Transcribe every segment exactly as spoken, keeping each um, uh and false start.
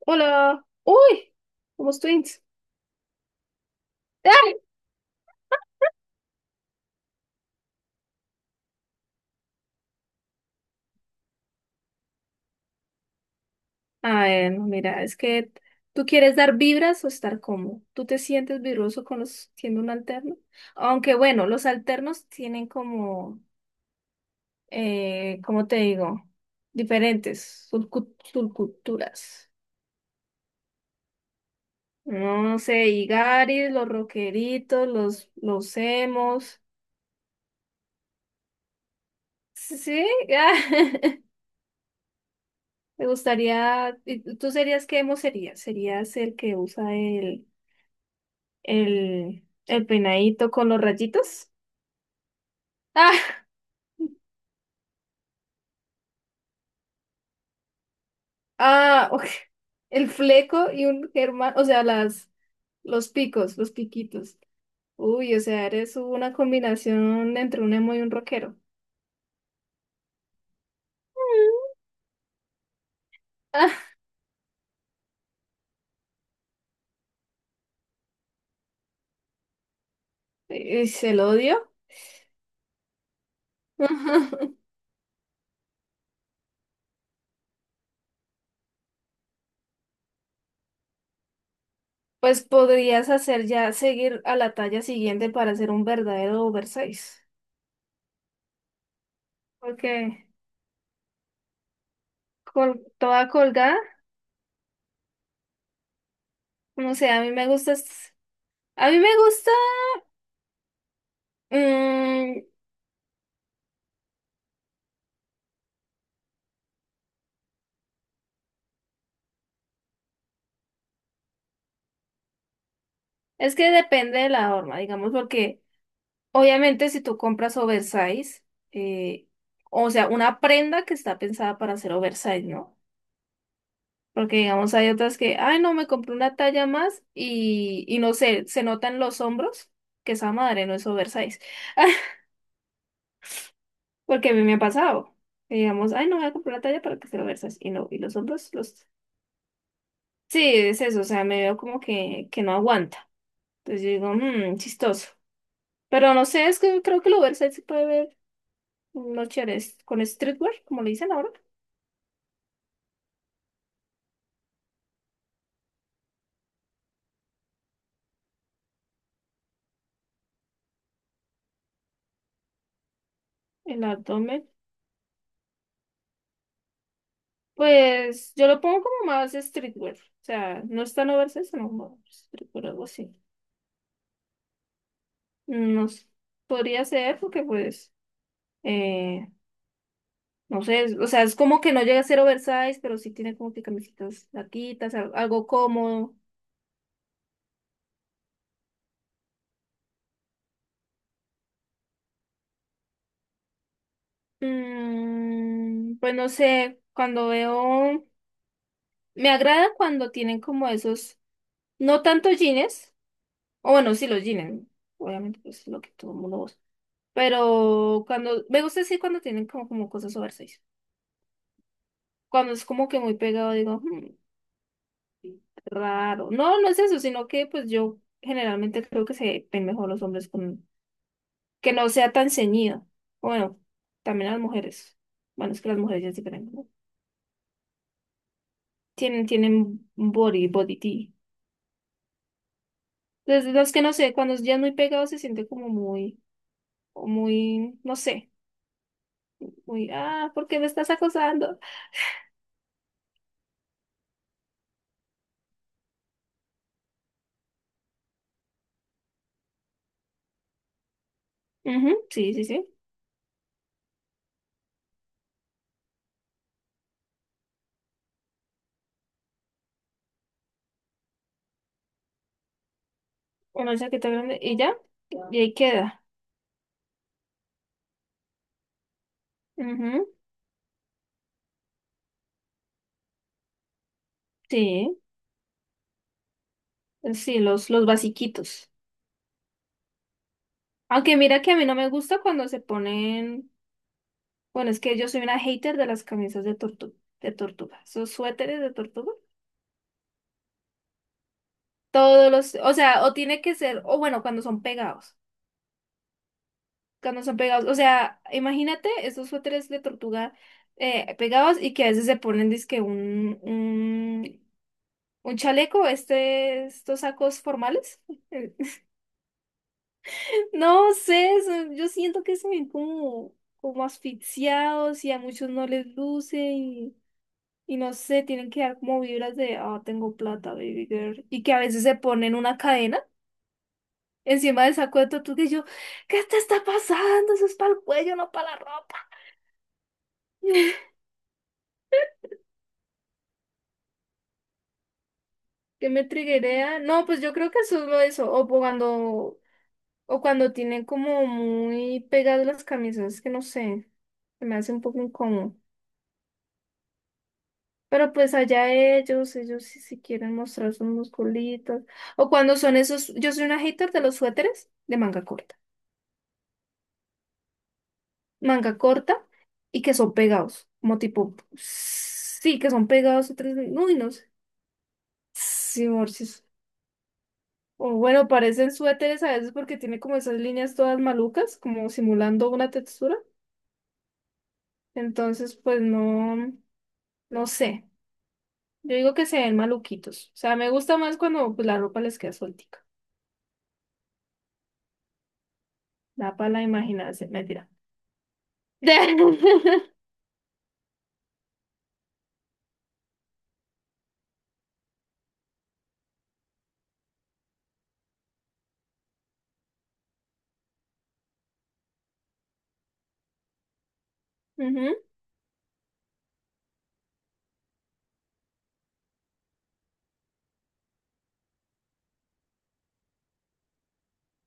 Hola. Uy, somos twins. ¡Ah! Ah, bueno, mira, es que tú quieres dar vibras o estar cómodo. ¿Tú te sientes vibroso con los siendo un alterno? Aunque bueno, los alternos tienen como, eh, ¿cómo te digo? Diferentes subcu- subculturas. No sé, Igaris, los rockeritos, los, los emos. Sí, ah, me gustaría. ¿Y ¿Tú serías qué emo serías? ¿Serías el que usa el El, el peinadito con los rayitos. Ah, ah, ok. El fleco y un germán, o sea, las, los picos, los piquitos. Uy, o sea, eres una combinación entre un emo y un rockero. Ah, ¿es el odio? Pues podrías hacer ya seguir a la talla siguiente para ser un verdadero oversize. Porque col toda colgada, no sé, a mí me gusta, es- a mí me gusta. Es que depende de la forma, digamos, porque obviamente si tú compras oversize, eh, o sea, una prenda que está pensada para hacer oversize, ¿no? Porque digamos, hay otras que, ay, no, me compré una talla más y, y no sé, se notan los hombros, que esa madre no es oversize. Porque a mí me ha pasado. Que Digamos, ay, no voy a comprar una talla para que sea oversize. Y no, y los hombros, los. Sí, es eso, o sea, me veo como que, que no aguanta. Entonces yo digo, mmm, chistoso. Pero no sé, es que creo que el oversize se puede ver unos chéveres con streetwear, como le dicen ahora, el abdomen. Pues yo lo pongo como más streetwear. O sea, no es tan oversize, sino como streetwear, algo así. No sé, podría ser porque pues, eh, no sé, es- o sea, es como que no llega a ser oversize, pero sí tiene como que camisetas larguitas, al- algo cómodo. Mm, pues no sé, cuando veo, me agrada cuando tienen como esos, no tanto jeans, o bueno, sí los jeans, obviamente pues lo que todo el mundo usa. Pero cuando, me gusta decir cuando tienen como, como cosas oversize. Cuando es como que muy pegado, digo, "Hmm, sí, raro". No, no es eso, sino que pues yo generalmente creo que se ven mejor los hombres con, que no sea tan ceñido. Bueno, también las mujeres. Bueno, es que las mujeres ya es diferente, ¿no? Tienen, tienen body, body tea. Entonces, los que no sé, cuando ya es muy pegado se siente como muy, o muy, no sé, muy, ah, ¿por qué me estás acosando? Ujú, sí, sí, sí. Una chaqueta grande y ya, y ahí queda. Ujú, sí, sí, los, los basiquitos. Aunque mira que a mí no me gusta cuando se ponen, bueno, es que yo soy una hater de las camisas de tortuga, de tortuga, esos suéteres de tortuga. Todos los, o sea, o tiene que ser, o bueno, cuando son pegados, cuando son pegados, o sea, imagínate esos suéteres de tortuga eh, pegados y que a veces se ponen, dizque un, un, un chaleco, este, estos sacos formales. No sé, eso- yo siento que se ven como, como asfixiados y a muchos no les luce y, y no sé, tienen que dar como vibras de, ah, tengo plata, baby girl. Y que a veces se ponen una cadena encima del saco de tortuga y yo, ¿qué te está pasando? Eso es para el cuello, no para la ropa. ¿Qué me triguea? No, pues yo creo que eso es lo de eso. O po- cuando, o cuando tienen como muy pegadas las camisas, que no sé, se me hace un poco incómodo. Pero pues allá ellos, ellos si, si quieren mostrar sus musculitos. O cuando son esos, yo soy una hater de los suéteres de manga corta. Manga corta y que son pegados. Como tipo, sí, que son pegados otros. Uy, no sé. Sí, Morchis. O bueno, parecen suéteres a veces porque tiene como esas líneas todas malucas, como simulando una textura. Entonces, pues no, no sé. Yo digo que se ven maluquitos. O sea, me gusta más cuando pues, la ropa les queda sueltica. Da para la imaginación, mentira. Ujú,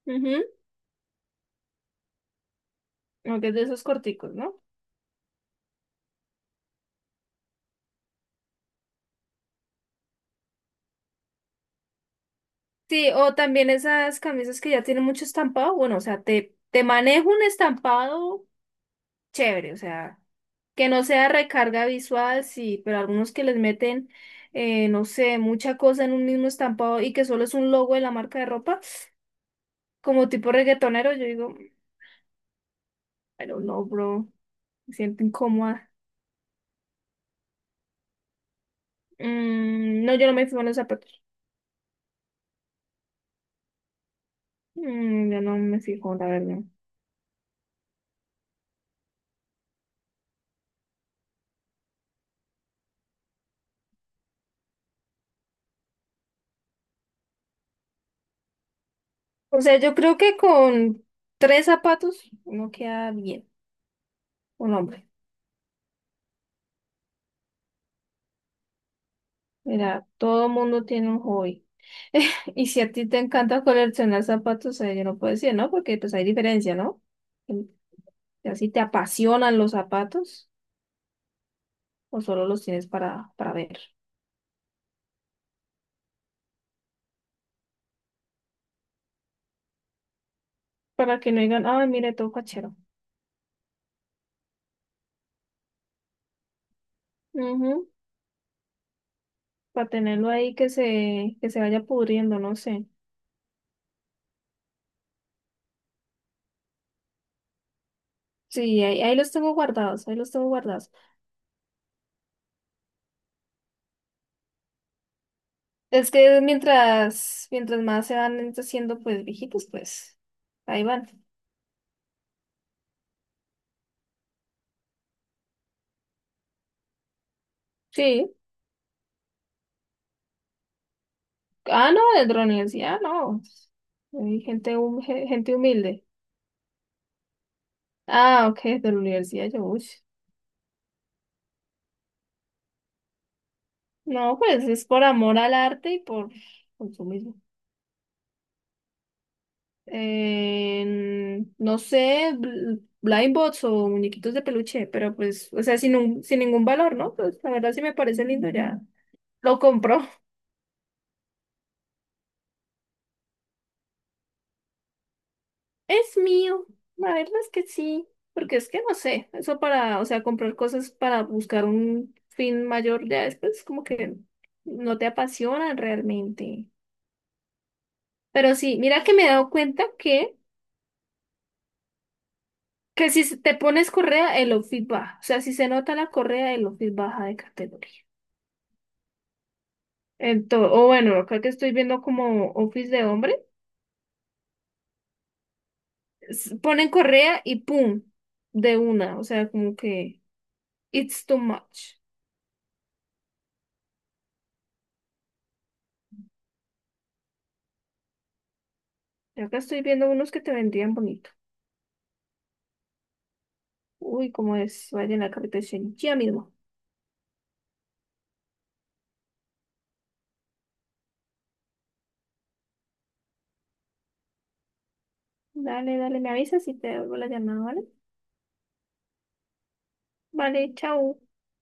ujú. Aunque es de esos corticos, ¿no? Sí, o también esas camisas que ya tienen mucho estampado. Bueno, o sea, te, te manejo un estampado chévere, o sea, que no sea recarga visual, sí, pero algunos que les meten, eh, no sé, mucha cosa en un mismo estampado y que solo es un logo de la marca de ropa, como tipo reggaetonero, yo digo, pero no, bro, me siento incómoda. Mm, no, yo no me fijo en los zapatos. Mm, yo no me fijo, la verdad. O sea, yo creo que con tres zapatos uno queda bien, un hombre. Mira, todo mundo tiene un hobby. Y si a ti te encanta coleccionar zapatos, eh, yo no puedo decir, ¿no? Porque pues hay diferencia, ¿no? En- Así te apasionan los zapatos o solo los tienes para, para ver. Para que no digan, ay, mire, todo cachero. Ujú, para tenerlo ahí que se, que se vaya pudriendo, no sé. Sí, ahí, ahí los tengo guardados, ahí los tengo guardados. Es que mientras, mientras más se van haciendo pues viejitos, pues ahí van. Sí. Ah, no, de la universidad, no. Hay gente, hum- ge- gente humilde. Ah, ok, de la universidad, yo, uy. No, pues es por amor al arte y por consumismo. Eh, no sé, bl- blind bots o muñequitos de peluche, pero pues, o sea, sin un, sin ningún valor, ¿no? Pues la verdad sí me parece lindo, ya lo compro. Es mío, la verdad es que sí, porque es que no sé, eso para, o sea, comprar cosas para buscar un fin mayor ya después como que no te apasionan realmente. Pero sí, mira que me he dado cuenta que, que si se- te pones correa, el outfit baja, o sea, si se nota la correa, el outfit baja de categoría. Entonces, o bueno, acá que estoy viendo como outfits de hombre, s- ponen correa y pum, de una, o sea, como que it's too much. Y acá estoy viendo unos que te vendrían bonito. Uy, como es, vaya en la carretera ya mismo. Dale, dale, me avisas y te devuelvo la llamada, ¿vale? Vale, chao.